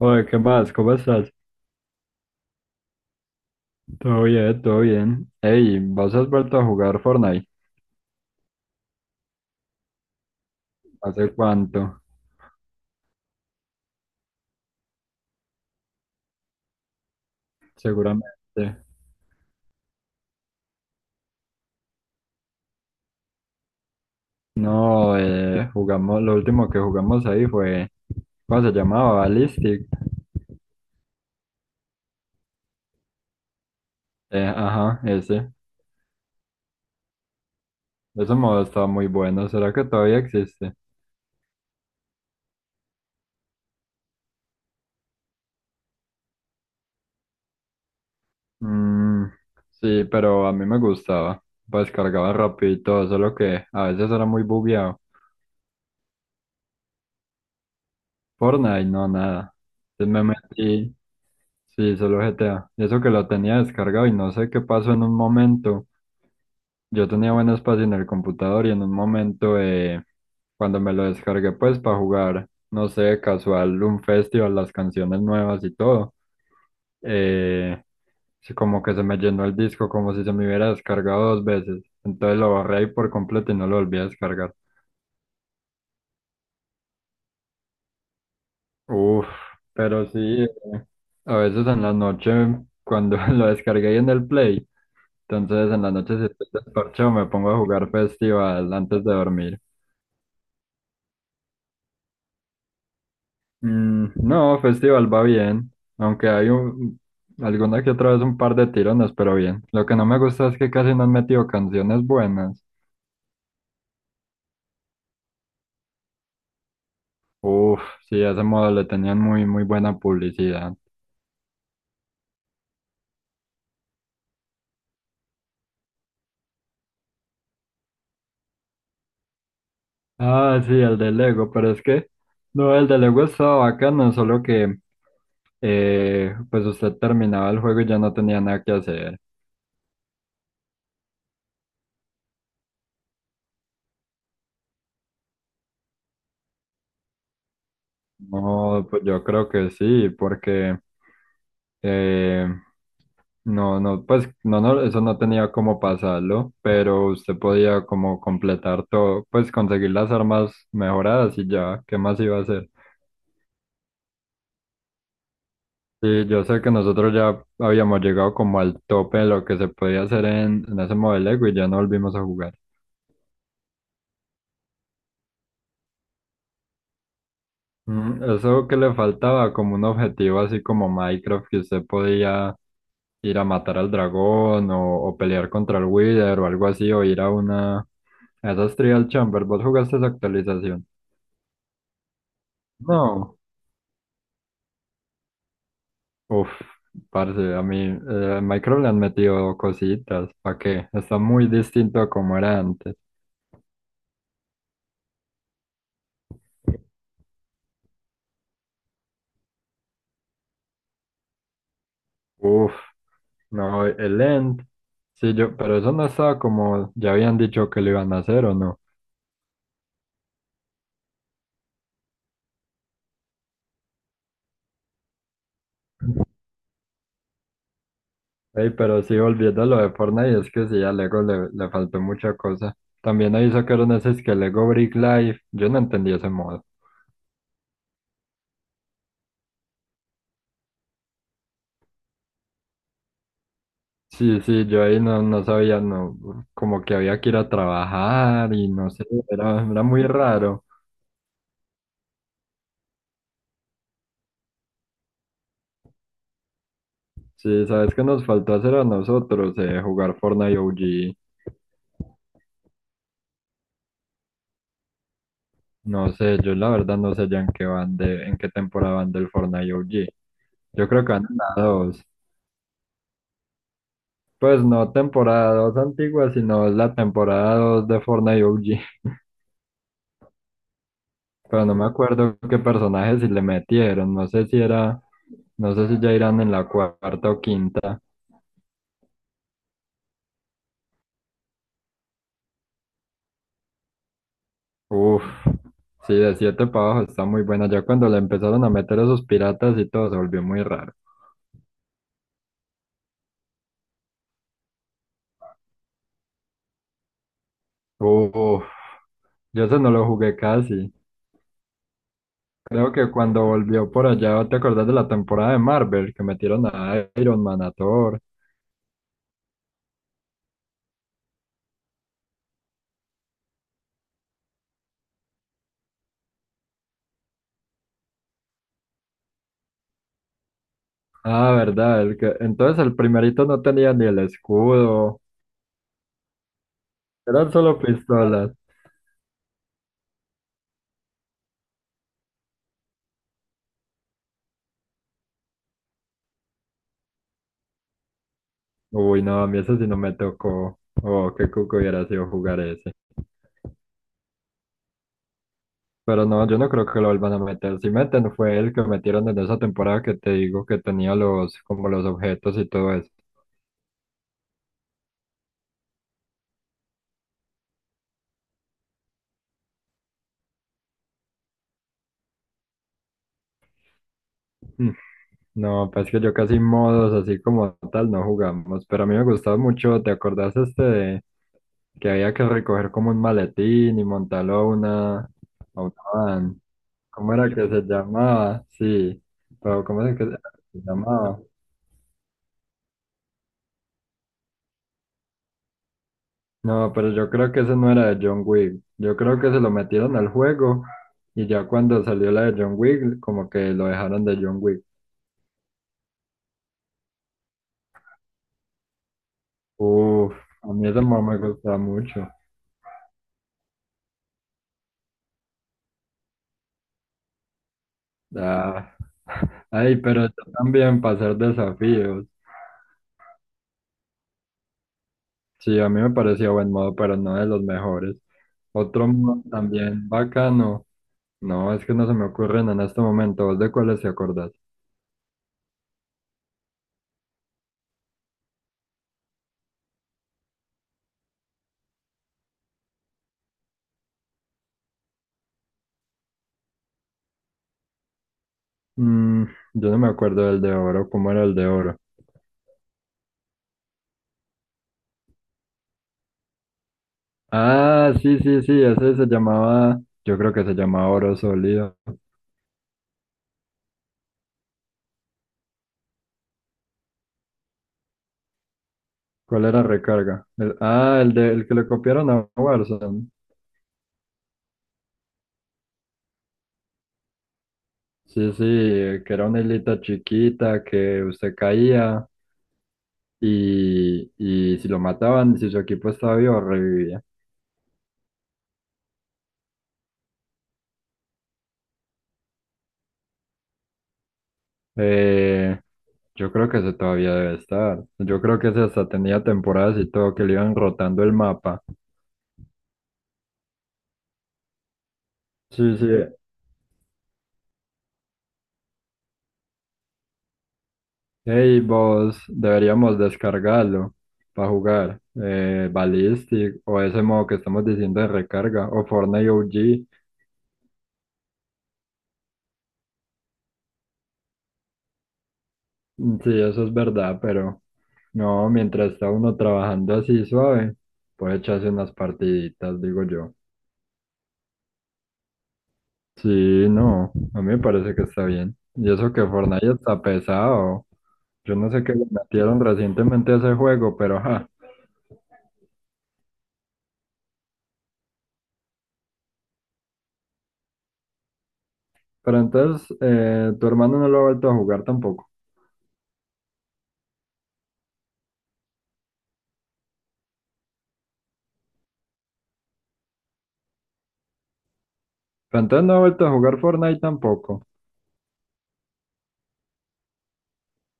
Oye, ¿qué más? ¿Cómo estás? Todo bien, todo bien. Ey, ¿vos has vuelto a jugar Fortnite? ¿Hace cuánto? Seguramente. No, jugamos, lo último que jugamos ahí fue, ¿cómo se llamaba? Ballistic. Ajá, ese. Ese modo estaba muy bueno. ¿Será que todavía existe? Mm, sí, pero a mí me gustaba. Pues cargaba rápido y todo, solo que a veces era muy bugueado. Fortnite, no, nada. Entonces me metí. Sí, solo GTA. Y eso que lo tenía descargado y no sé qué pasó en un momento. Yo tenía buen espacio en el computador y en un momento, cuando me lo descargué, pues para jugar, no sé, casual, un festival, las canciones nuevas y todo, eh, sí, como que se me llenó el disco, como si se me hubiera descargado dos veces. Entonces lo borré ahí por completo y no lo volví a descargar. Uf, pero sí, a veces en la noche, cuando lo descargué ahí en el Play. Entonces en las noches si estoy desparchado me pongo a jugar festival antes de dormir. Mm, no, festival va bien, aunque hay alguna que otra vez un par de tirones, pero bien. Lo que no me gusta es que casi no han metido canciones buenas. Uf, sí, a ese modo le tenían muy, muy buena publicidad. Ah, sí, el de Lego, pero es que, no, el de Lego estaba bacano, solo que, pues usted terminaba el juego y ya no tenía nada que hacer. No, pues yo creo que sí, porque. Eh, No, no, pues no, no, eso no tenía cómo pasarlo, pero usted podía como completar todo, pues conseguir las armas mejoradas y ya, ¿qué más iba a hacer? Sí, yo sé que nosotros ya habíamos llegado como al tope de lo que se podía hacer en ese modelo Lego y ya no volvimos a jugar. Eso que le faltaba como un objetivo así como Minecraft, que usted podía ir a matar al dragón o pelear contra el Wither o algo así, o ir a a esas Trial Chamber, ¿vos jugaste esa actualización? No. Uf, parce, a mí a Minecraft le han metido cositas, ¿para qué? Está muy distinto a como era antes. Uf, no, el End, sí, yo, pero eso no estaba como ya habían dicho que lo iban a hacer o no. Ey, pero sí, volviendo a lo de Fortnite, es que sí, a Lego le faltó mucha cosa. También ahí sacaron ese es que Lego Brick Life, yo no entendí ese modo. Sí, sí, yo ahí no, no sabía, no, como que había que ir a trabajar y no sé, era muy raro. Sí, ¿sabes qué nos faltó hacer a nosotros? Jugar Fortnite OG. No sé, yo la verdad no sé ya en qué van en qué temporada van del Fortnite OG. Yo creo que van en la 2. Pues no temporada 2 antigua, sino es la temporada 2 de Fortnite OG. Pero no me acuerdo qué personajes si le metieron. No sé si no sé si ya irán en la cuarta o quinta. Uf, sí, de 7 para abajo está muy buena. Ya cuando le empezaron a meter esos piratas y todo se volvió muy raro. Uf, yo eso no lo jugué casi. Creo que cuando volvió por allá, ¿te acordás de la temporada de Marvel? Que metieron a Iron Man, a Thor. Ah, verdad, entonces el primerito no tenía ni el escudo, eran solo pistolas. Uy, no, a mí eso sí no me tocó. Oh, qué cuco hubiera sido jugar ese. Pero no, yo no creo que lo vuelvan a meter. Si meten, fue el que metieron en esa temporada que te digo que tenía como los objetos y todo eso. No, pues que yo casi modos así como tal no jugamos, pero a mí me gustaba mucho, ¿te acordás este de que había que recoger como un maletín y montarlo a una van? ¿Cómo era que se llamaba? Sí, pero ¿cómo era que se llamaba? No, pero yo creo que ese no era de John Wick, yo creo que se lo metieron al juego y ya cuando salió la de John Wick, como que lo dejaron de John Wick. Uf, a mí ese modo me gustaba mucho. Ah, ay, pero yo también pasar desafíos. Sí, a mí me parecía buen modo, pero no de los mejores. Otro modo también bacano. No, es que no se me ocurren en este momento. ¿Vos de cuáles te acordás? Mm, yo no me acuerdo del de oro. ¿Cómo era el de oro? Ah, sí, sí, sí. Ese se llamaba. Yo creo que se llamaba oro sólido. ¿Cuál era recarga? El que le copiaron a Warzone. Sí, sí, que era una islita chiquita que usted caía y si lo mataban, si su equipo estaba vivo, revivía. Eh, Yo creo que ese todavía debe estar. Yo creo que ese hasta tenía temporadas y todo que le iban rotando el mapa. Sí, sí. Hey, vos, deberíamos descargarlo para jugar. Ballistic o ese modo que estamos diciendo de recarga o Fortnite OG. Sí, eso es verdad, pero no, mientras está uno trabajando así suave, puede echarse unas partiditas, digo yo. Sí, no, a mí me parece que está bien. Y eso que Fortnite está pesado. Yo no sé qué le metieron recientemente a ese juego, pero ajá. Pero entonces, tu hermano no lo ha vuelto a jugar tampoco. Pero entonces no ha vuelto a jugar Fortnite tampoco.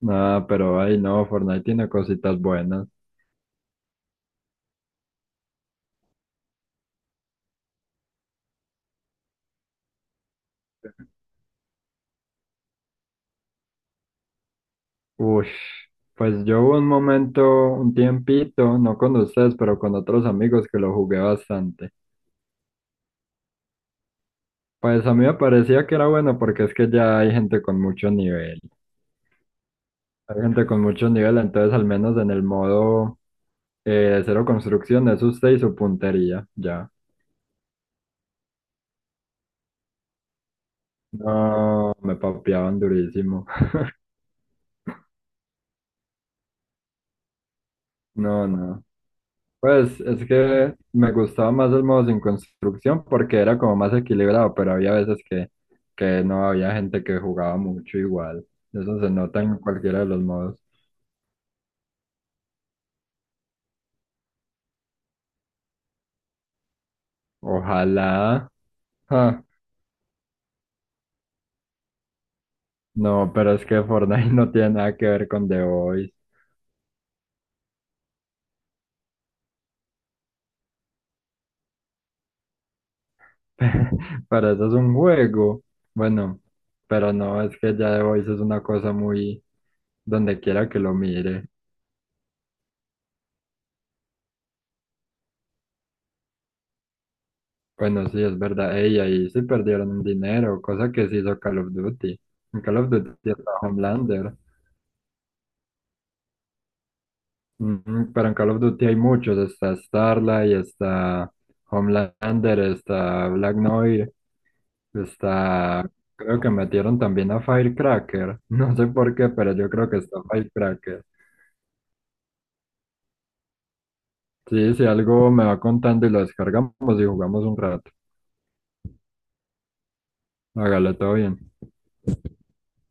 Nada, pero ay no, Fortnite tiene cositas buenas. Uy, pues yo hubo un momento, un tiempito, no con ustedes, pero con otros amigos que lo jugué bastante. Pues a mí me parecía que era bueno porque es que ya hay gente con mucho nivel. Hay gente con mucho nivel, entonces al menos en el modo cero construcción es usted y su puntería, ya. No, me papeaban durísimo. No, no. Pues es que me gustaba más el modo sin construcción porque era como más equilibrado, pero había veces que no había gente que jugaba mucho igual. Eso se nota en cualquiera de los modos. Ojalá. Ah, no, pero es que Fortnite no tiene nada que ver con The Voice. Para eso es un juego. Bueno, pero no, es que ya The Voice es una cosa muy donde quiera que lo mire. Bueno, sí, es verdad. Ey, ahí sí perdieron un dinero, cosa que sí hizo Call of Duty. En Call of Duty está Homelander. Ujú. Pero en Call of Duty hay muchos. Está Starlight, está Homelander, está Black Noir, está. Creo que metieron también a Firecracker. No sé por qué, pero yo creo que está Firecracker. Sí, si algo me va contando y lo descargamos y jugamos un rato. Hágale todo bien.